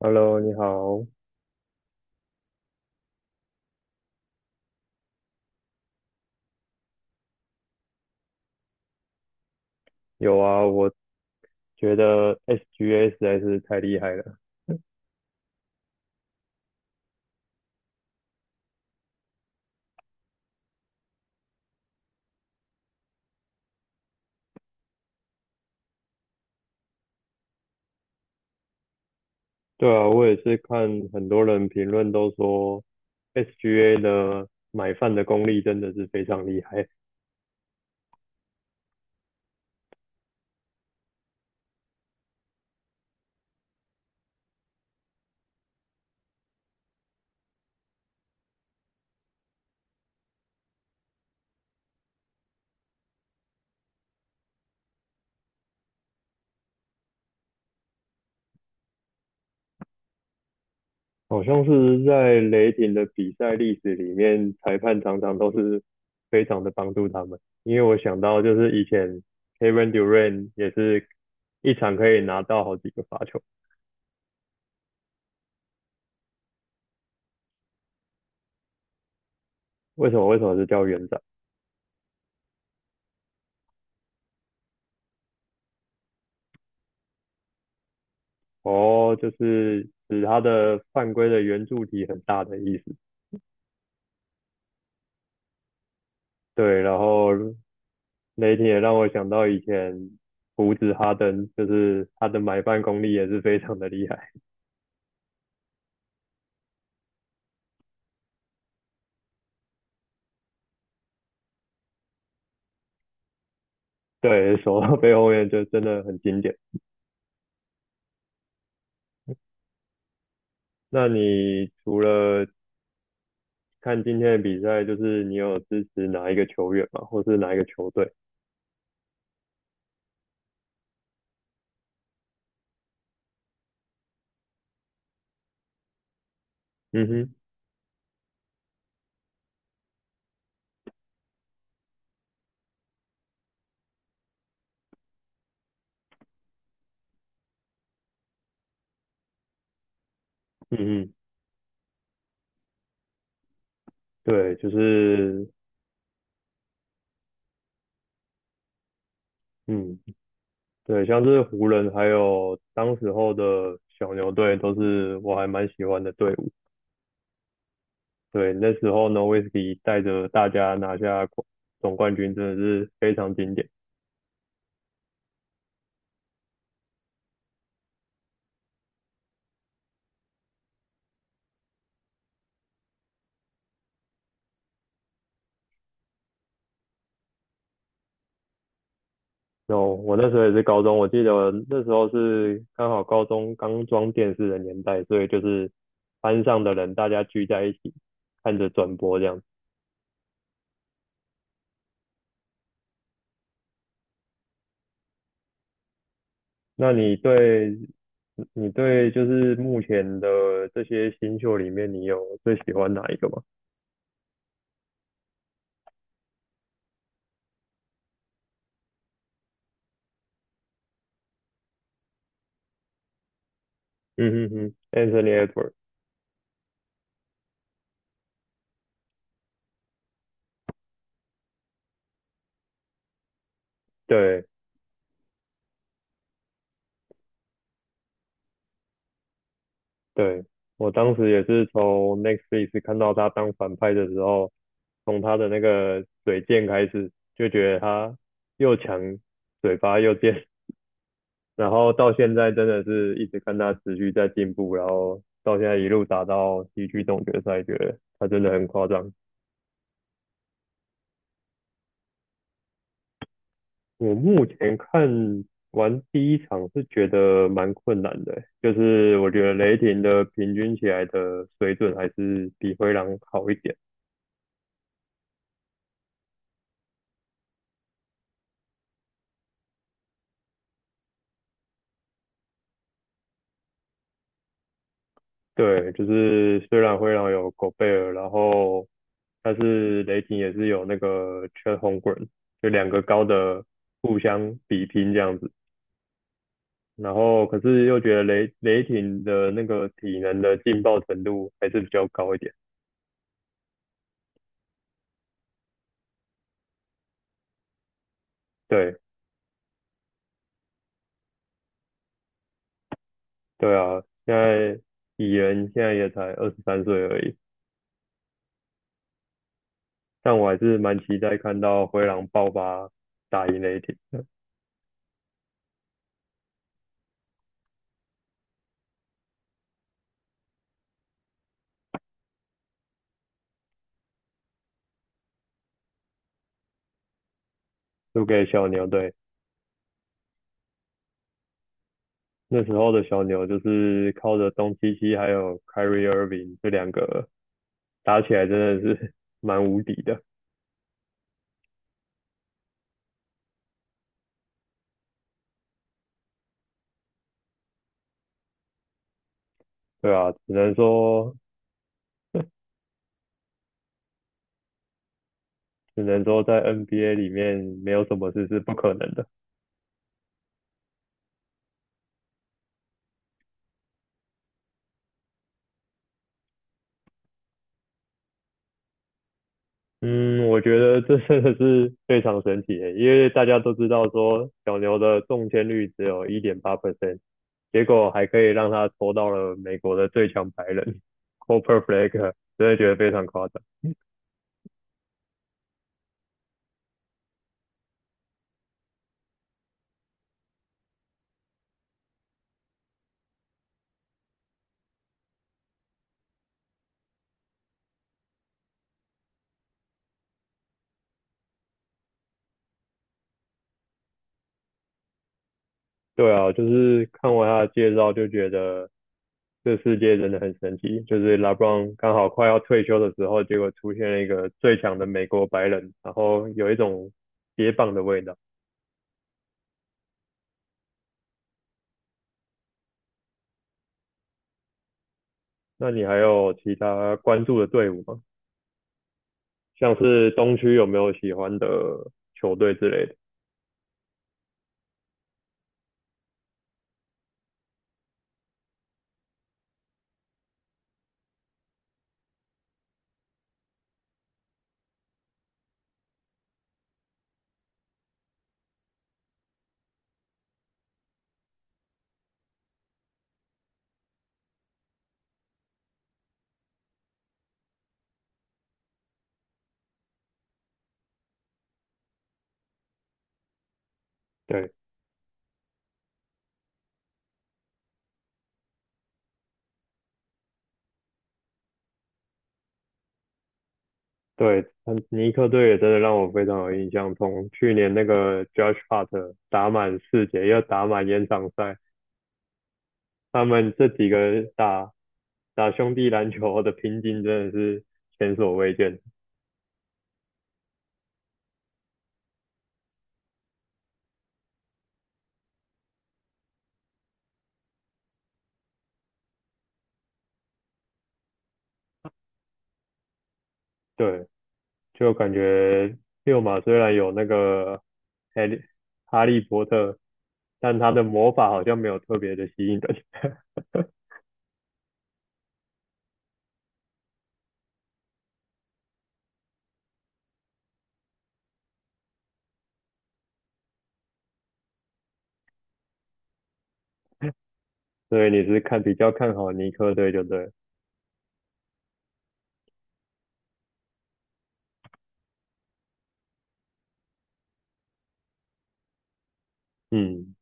Hello，你好。有啊，我觉得 SGA 实在是太厉害了。对啊，我也是看很多人评论都说 SGA 的买饭的功力真的是非常厉害。好像是在雷霆的比赛历史里面，裁判常常都是非常的帮助他们。因为我想到就是以前 Kevin Durant 也是一场可以拿到好几个罚球。为什么？为什么是叫长？哦，就是指他的犯规的圆柱体很大的意思。对，然后雷霆也让我想到以前胡子哈登，就是他的买办功力也是非常的厉害。对，守到背后面就真的很经典。那你除了看今天的比赛，就是你有支持哪一个球员吗？或是哪一个球队？嗯哼，嗯哼，对，就是嗯。对，像是湖人还有当时候的小牛队，都是我还蛮喜欢的队伍。对，那时候呢，威 w 忌带着大家拿下总冠军，真的是非常经典。然后我那时候也是高中，我记得那时候是刚好高中刚装电视的年代，所以就是班上的人大家聚在一起看着转播这样。那你对就是目前的这些新秀里面，你有最喜欢哪一个吗？嗯哼哼，Anthony Edwards。对。对，我当时也是从 Netflix 看到他当反派的时候，从他的那个嘴贱开始，就觉得他又强，嘴巴又贱。然后到现在真的是一直看他持续在进步，然后到现在一路打到西区总决赛，觉得他真的很夸张。我目前看完第一场是觉得蛮困难的欸，就是我觉得雷霆的平均起来的水准还是比灰狼好一点。对，就是虽然灰狼有狗贝尔，然后但是雷霆也是有那个 Chet Ho， 就两个高的互相比拼这样子。然后可是又觉得雷霆的那个体能的劲爆程度还是比较高一点。对对啊，现在蚁人现在也才23岁而已，但我还是蛮期待看到灰狼爆发打赢雷霆的，输给小牛队。那时候的小牛就是靠着东契奇还有 Kyrie Irving 这两个打起来真的是 蛮无敌的。对啊，只能说在 NBA 里面没有什么事是不可能的。嗯，我觉得这真的是非常神奇耶，因为大家都知道说小牛的中签率只有百分之一点八 percent，结果还可以让他抽到了美国的最强白人。 Cooper Flake 真的觉得非常夸张。对啊，就是看完他的介绍就觉得这世界真的很神奇，就是 LeBron 刚好快要退休的时候，结果出现了一个最强的美国白人，然后有一种接棒的味道。那你还有其他关注的队伍吗？像是东区有没有喜欢的球队之类的？对，对，嗯，尼克队也真的让我非常有印象。从去年那个 Josh Hart 打满4节，又打满延长赛，他们这几个打兄弟篮球的拼劲真的是前所未见。对，就感觉六马虽然有那个哈利哈利波特，但他的魔法好像没有特别的吸引人。所以你是看比较看好尼克队对不对了嗯，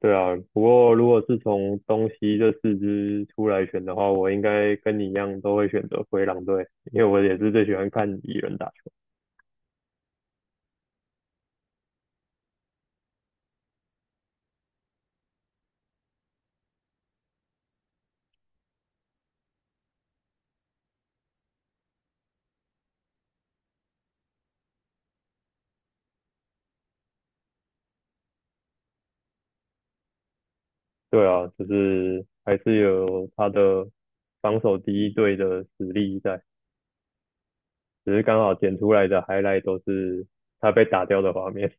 对啊。不过如果是从东西这四支出来选的话，我应该跟你一样都会选择灰狼队，因为我也是最喜欢看蚁人打球。对啊，就是还是有他的防守第一队的实力在。只是刚好剪出来的 highlight 都是他被打掉的画面。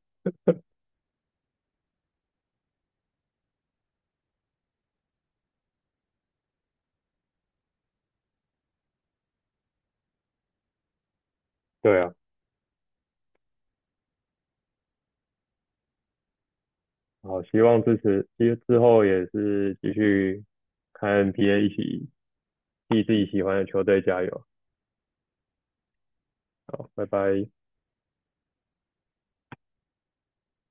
对啊，好，希望支持，之后也是继续看 NBA，一起替自己喜欢的球队加油。好，拜拜。